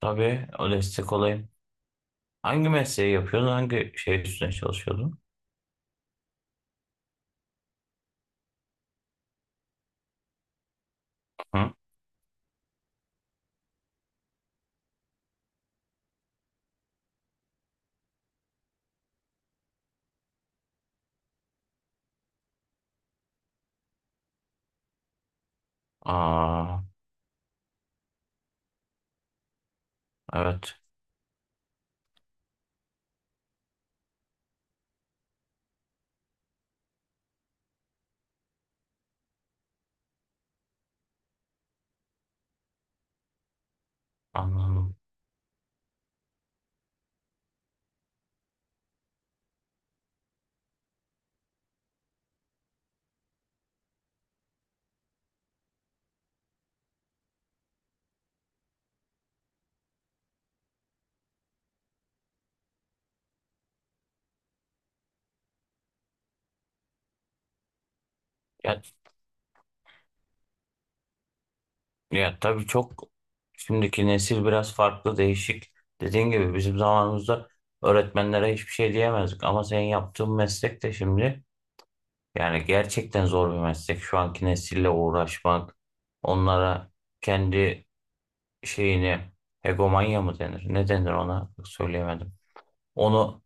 Tabii o destek olayım. Hangi mesleği yapıyordun? Hangi şey üstüne çalışıyordun? Hı? Aa, evet, anladım. Ya, ya tabii çok, şimdiki nesil biraz farklı, değişik. Dediğin gibi bizim zamanımızda öğretmenlere hiçbir şey diyemezdik. Ama senin yaptığın meslek de şimdi yani gerçekten zor bir meslek. Şu anki nesille uğraşmak, onlara kendi şeyini, hegemonya mı denir? Ne denir ona? Söyleyemedim. Onu,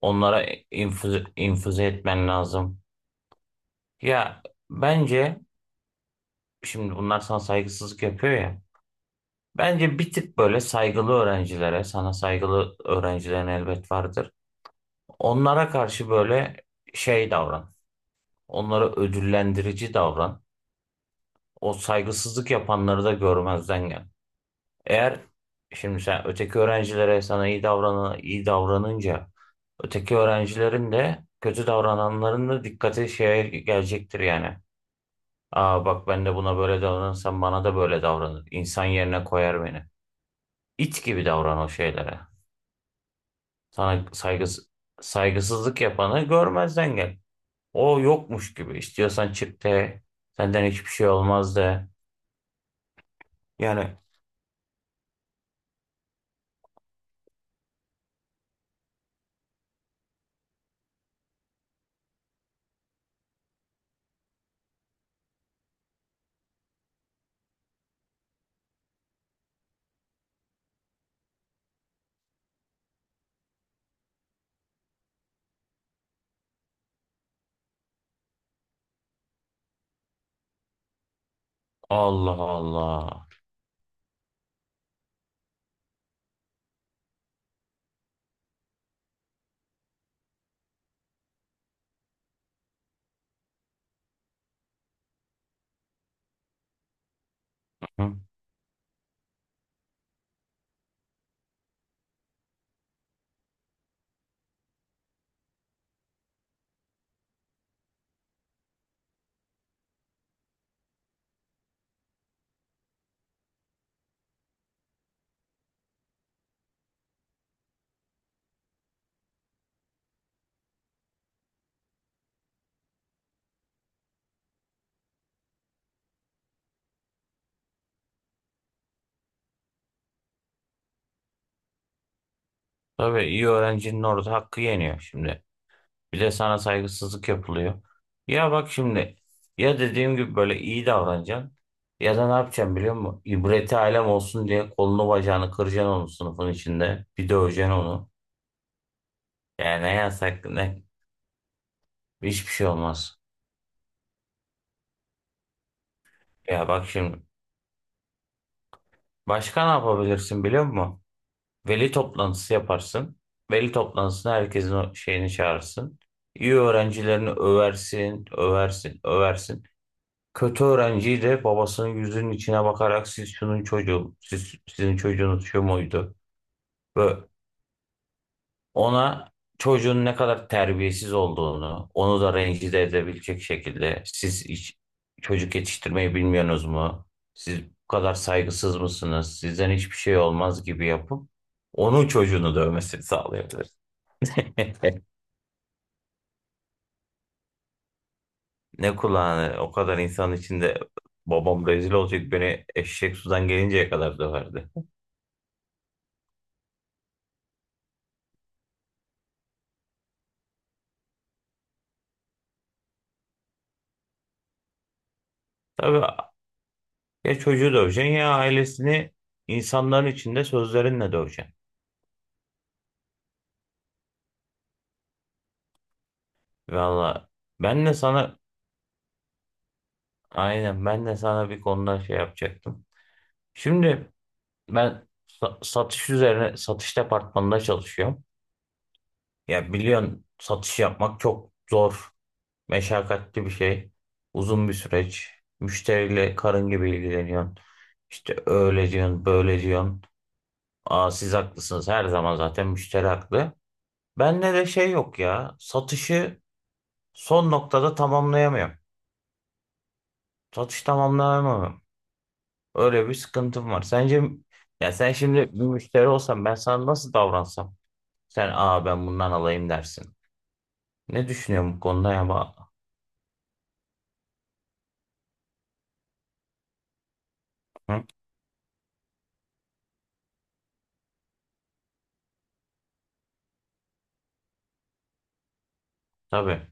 onlara infüze, infüze etmen lazım. Ya bence şimdi bunlar sana saygısızlık yapıyor ya. Bence bir tık böyle saygılı öğrencilere, sana saygılı öğrencilerin elbet vardır. Onlara karşı böyle şey davran. Onlara ödüllendirici davran. O saygısızlık yapanları da görmezden gel. Eğer şimdi sen öteki öğrencilere sana iyi davranan, iyi davranınca öteki öğrencilerin de kötü davrananların da dikkati şeye gelecektir yani. Aa, bak, ben de buna böyle davranırsam bana da böyle davranır. İnsan yerine koyar beni. İt gibi davran o şeylere. Sana saygıs Saygısızlık yapanı görmezden gel. O yokmuş gibi. İstiyorsan çık de. Senden hiçbir şey olmaz de. Yani Allah Allah. Hı? Tabii iyi öğrencinin orada hakkı yeniyor şimdi. Bir de sana saygısızlık yapılıyor. Ya bak şimdi, ya dediğim gibi böyle iyi davranacaksın ya da ne yapacaksın biliyor musun? İbreti alem olsun diye kolunu bacağını kıracaksın onun sınıfın içinde. Bir döveceksin onu. Yani ne yasak ne hiçbir şey olmaz. Ya bak şimdi, başka ne yapabilirsin biliyor musun? Veli toplantısı yaparsın. Veli toplantısına herkesin o şeyini çağırırsın. İyi öğrencilerini översin, översin, översin. Kötü öğrenci de babasının yüzünün içine bakarak, siz şunun çocuğu, siz, sizin çocuğunuz şu muydu? Ve ona çocuğun ne kadar terbiyesiz olduğunu, onu da rencide edebilecek şekilde, siz hiç çocuk yetiştirmeyi bilmiyorsunuz mu? Siz bu kadar saygısız mısınız? Sizden hiçbir şey olmaz gibi yapıp onun çocuğunu dövmesini sağlayabilir. Ne kulağını, o kadar insan içinde babam rezil olacak, beni eşek sudan gelinceye kadar döverdi. Tabii. Ya çocuğu döveceksin ya ailesini insanların içinde sözlerinle döveceksin. Valla ben de sana, aynen, ben de sana bir konuda şey yapacaktım. Şimdi ben satış üzerine, satış departmanında çalışıyorum. Ya biliyorsun satış yapmak çok zor, meşakkatli bir şey. Uzun bir süreç. Müşteriyle karın gibi ilgileniyorsun. İşte öyle diyorsun, böyle diyorsun. Aa, siz haklısınız, her zaman zaten müşteri haklı. Bende de şey yok ya. Satışı son noktada tamamlayamıyorum. Satış tamamlayamıyorum. Öyle bir sıkıntım var. Sence, ya sen şimdi bir müşteri olsan ben sana nasıl davransam? Sen, aa ben bundan alayım, dersin. Ne düşünüyorum bu konuda ya? Hı? Tabii.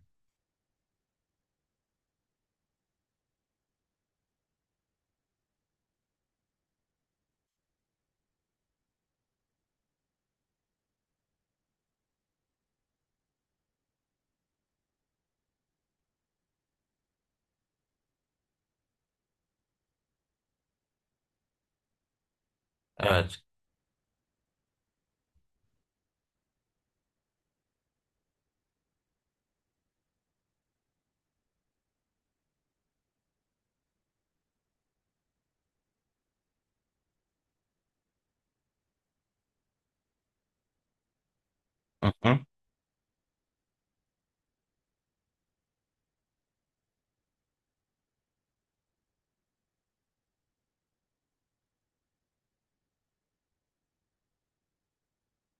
Evet. Hı hı.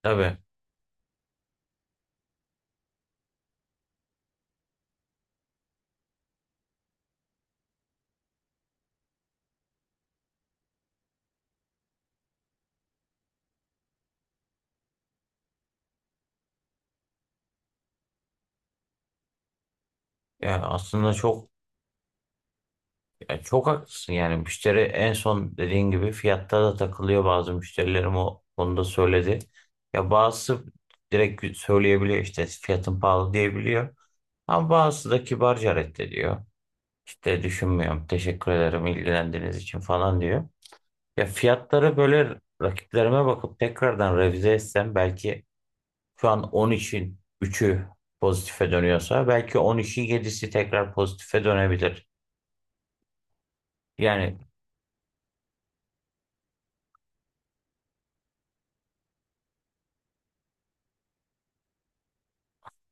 Tabii. Ya aslında çok, ya çok haklısın, yani müşteri en son dediğin gibi fiyatta da takılıyor, bazı müşterilerim o konuda söyledi. Ya bazısı direkt söyleyebiliyor, işte fiyatın pahalı diyebiliyor. Ama bazısı da kibarca reddediyor. İşte düşünmüyorum, teşekkür ederim ilgilendiğiniz için falan diyor. Ya fiyatları böyle rakiplerime bakıp tekrardan revize etsem, belki şu an 10 için 3'ü pozitife dönüyorsa, belki 10 için 7'si tekrar pozitife dönebilir. Yani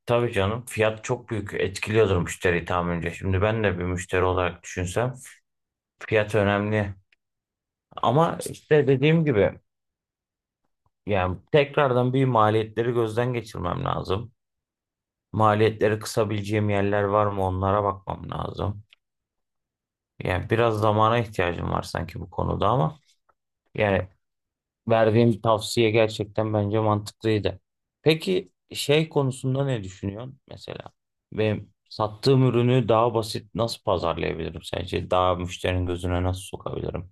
tabii canım fiyat çok büyük etkiliyordur müşteriyi tahminimce. Şimdi ben de bir müşteri olarak düşünsem, fiyat önemli. Ama işte dediğim gibi yani tekrardan bir maliyetleri gözden geçirmem lazım. Maliyetleri kısabileceğim yerler var mı, onlara bakmam lazım. Yani biraz zamana ihtiyacım var sanki bu konuda, ama yani verdiğim tavsiye gerçekten bence mantıklıydı. Peki şey konusunda ne düşünüyorsun mesela? Benim sattığım ürünü daha basit nasıl pazarlayabilirim sence? Daha müşterinin gözüne nasıl sokabilirim?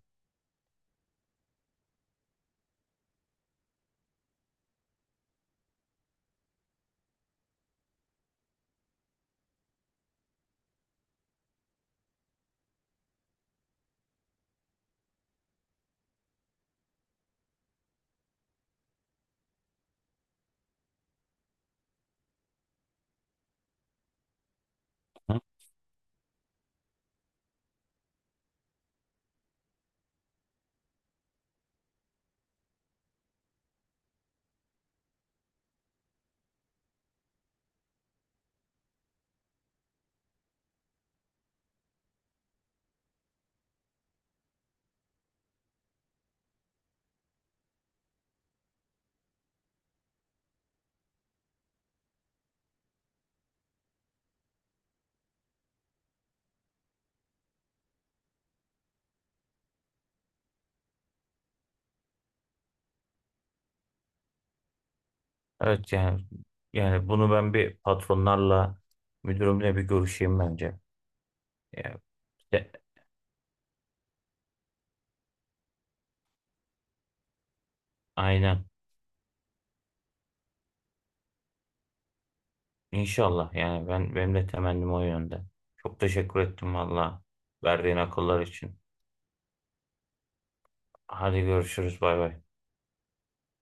Hı? Evet yani, yani bunu ben bir patronlarla, müdürümle bir görüşeyim bence. Yani, de- aynen. İnşallah yani, ben, benim de temennim o yönde. Çok teşekkür ettim valla, verdiğin akıllar için. Hadi görüşürüz, bay bay.